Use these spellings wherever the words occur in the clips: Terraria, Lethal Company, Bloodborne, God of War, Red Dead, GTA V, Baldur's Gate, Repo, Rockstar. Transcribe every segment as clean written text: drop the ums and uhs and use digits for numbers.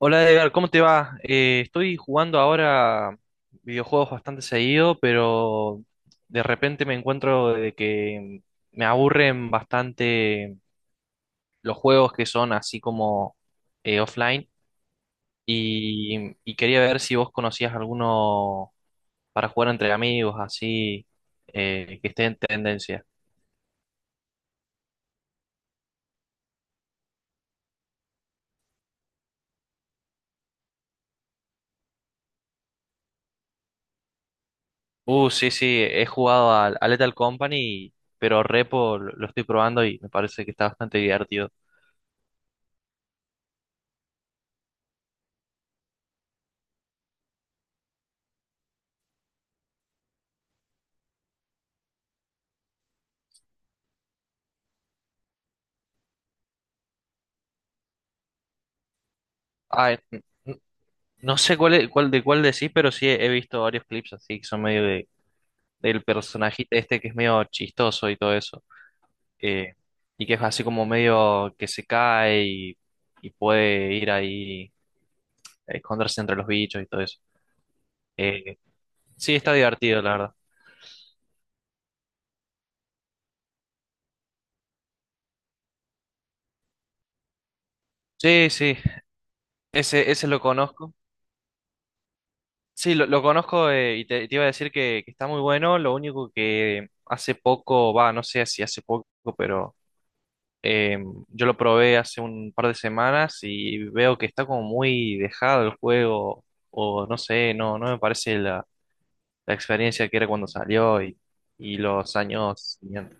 Hola Edgar, ¿cómo te va? Estoy jugando ahora videojuegos bastante seguido, pero de repente me encuentro de que me aburren bastante los juegos que son así como offline, y quería ver si vos conocías alguno para jugar entre amigos, así que esté en tendencia. Sí, sí, he jugado al a Lethal Company, pero Repo lo estoy probando y me parece que está bastante divertido. Ah, eh, No sé cuál, cuál de cuál decís, pero sí he visto varios clips así que son medio del personajito este que es medio chistoso y todo eso. eh, y que es así como medio que se cae, y puede ir ahí a esconderse entre los bichos y todo eso. Eh, sí, está divertido, la verdad. Sí, sí, ese lo conozco. Sí, lo conozco, y te iba a decir que está muy bueno. Lo único que hace poco, va, no sé si hace poco, pero. Eh, yo lo probé hace un par de semanas y veo que está como muy dejado el juego, o no sé, no me parece la experiencia que era cuando salió y los años siguientes.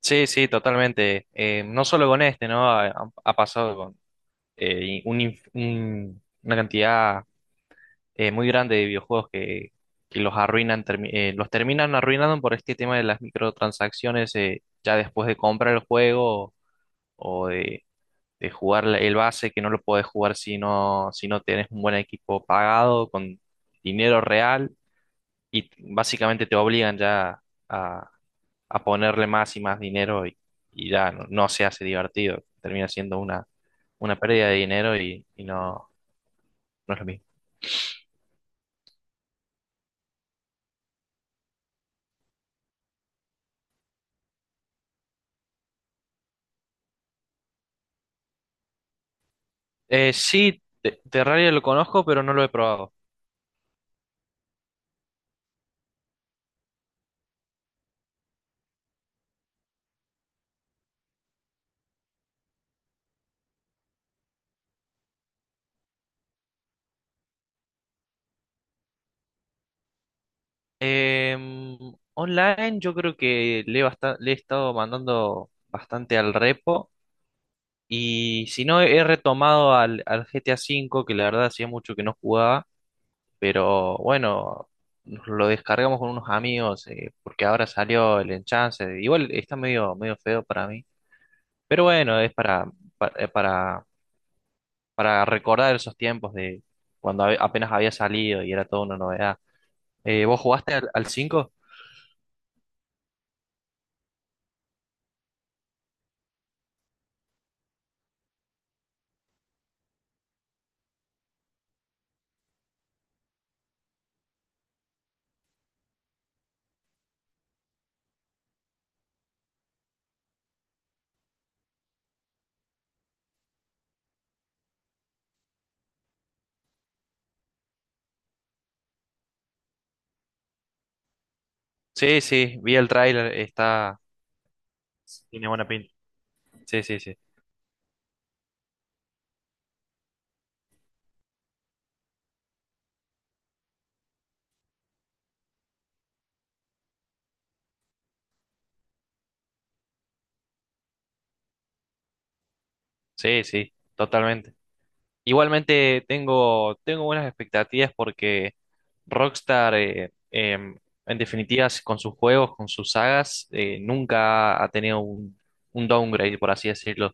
Sí, sí, totalmente. No solo con este, ¿no? Ha pasado con una cantidad muy grande de videojuegos que los arruinan, los terminan arruinando por este tema de las microtransacciones, ya después de comprar el juego o de jugar el base, que no lo podés jugar si no, si no tenés un buen equipo pagado, con dinero real, y básicamente te obligan ya a, a ponerle más y más dinero y ya no, no se hace divertido, termina siendo una pérdida de dinero y no, no es lo mismo. Sí, Terraria lo conozco, pero no lo he probado. Em, Online yo creo que le he, le he estado mandando bastante al repo. Y si no, he retomado al GTA V, que la verdad hacía mucho que no jugaba, pero bueno, nos lo descargamos con unos amigos, porque ahora salió el enchance. Igual está medio, medio feo para mí, pero bueno, es para, eh, para, para recordar esos tiempos de cuando apenas había salido y era toda una novedad. ¿Vos jugaste al cinco? Sí, sí, vi el tráiler, está... Tiene buena pinta. Sí, sí, sí, sí, sí, totalmente. Igualmente tengo buenas expectativas porque Rockstar, en definitiva, con sus juegos, con sus sagas, nunca ha tenido un downgrade, por así decirlo,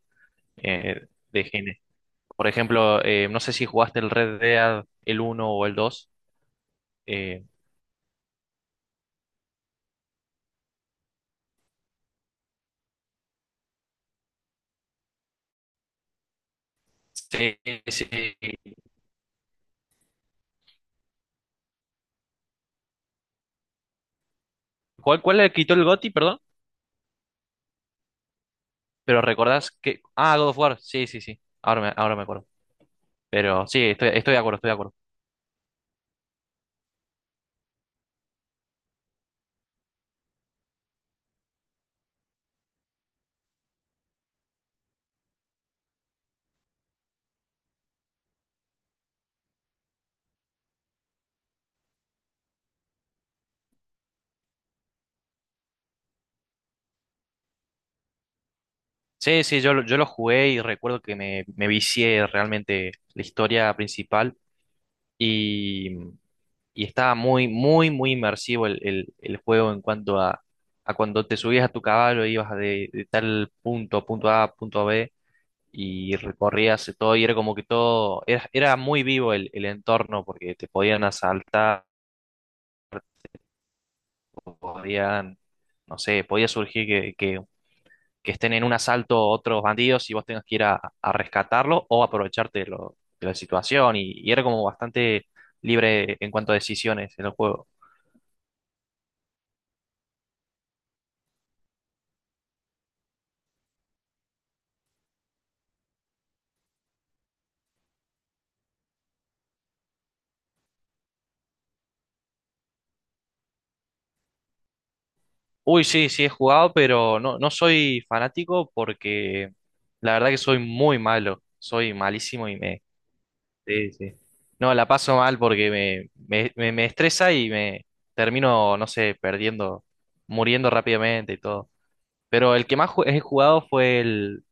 de género. Por ejemplo, no sé si jugaste el Red Dead, el uno o el 2. Eh, sí, sí. Cuál le quitó el GOTY, perdón? Pero recordás que... Ah, God of War, sí, sí, sí. Ahora ahora me acuerdo. Pero sí, estoy, estoy de acuerdo, estoy de acuerdo. Sí, sí, yo, yo lo jugué y recuerdo que me vicié realmente la historia principal y, y estaba muy, muy, muy inmersivo el juego en cuanto a cuando te subías a tu caballo, ibas de tal punto, punto A, punto B, y recorrías todo y era como que todo, era, era muy vivo el entorno porque te podían asaltar, podían, no sé, podía surgir que estén en un asalto otros bandidos y vos tengas que ir a rescatarlo o aprovecharte de, de la situación. Y era como bastante libre en cuanto a decisiones en el juego. Uy, sí, sí he jugado, pero no, no soy fanático porque la verdad que soy muy malo. Soy malísimo y me... Sí, sí. No, la paso mal porque me estresa y me termino, no sé, perdiendo, muriendo rápidamente y todo. Pero el que más he jugado fue el,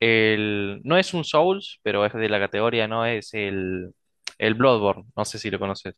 El, No es un Souls, pero es de la categoría, no es el Bloodborne. No sé si lo conoces.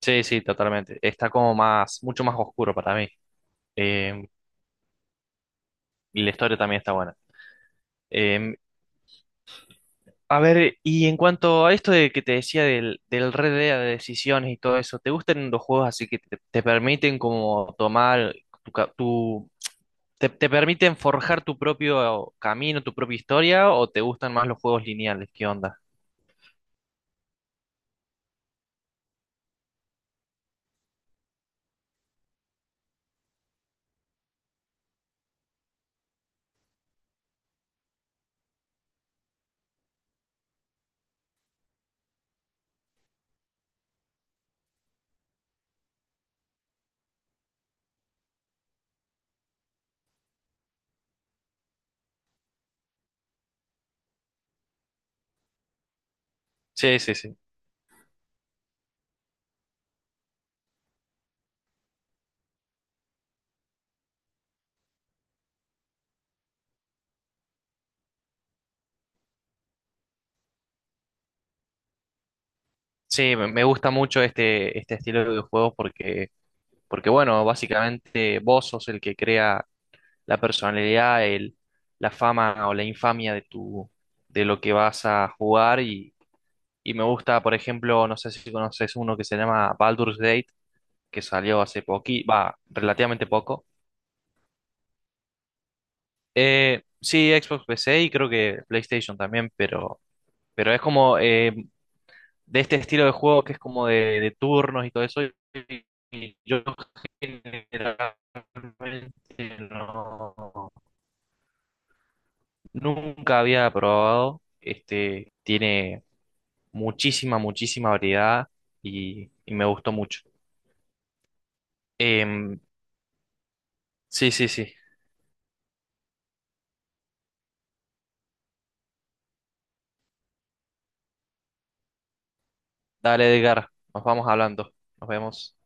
Sí, sí, totalmente. Está como más, mucho más oscuro para mí. Eh, y la historia también está buena. Eh, a ver, y en cuanto a esto de que te decía del Red Dead, de decisiones y todo eso, ¿te gustan los juegos así que te permiten como tomar tu, ca- tu- te, te permiten forjar tu propio camino, tu propia historia, o te gustan más los juegos lineales? ¿Qué onda? Sí, sí, sí. Sí, me gusta mucho este, este estilo de videojuegos porque, porque, bueno, básicamente vos sos el que crea la personalidad, la fama o la infamia de tu, de lo que vas a jugar y me gusta, por ejemplo, no sé si conoces uno que se llama Baldur's Gate, que salió hace poqui, va, relativamente poco. Sí, Xbox PC y creo que PlayStation también, pero es como, de este estilo de juego que es como de turnos y todo eso. Y yo generalmente no- nunca había probado. Este tiene muchísima, muchísima variedad y me gustó mucho. Em, sí, sí, sí. Dale, Edgar. Nos vamos hablando. Nos vemos.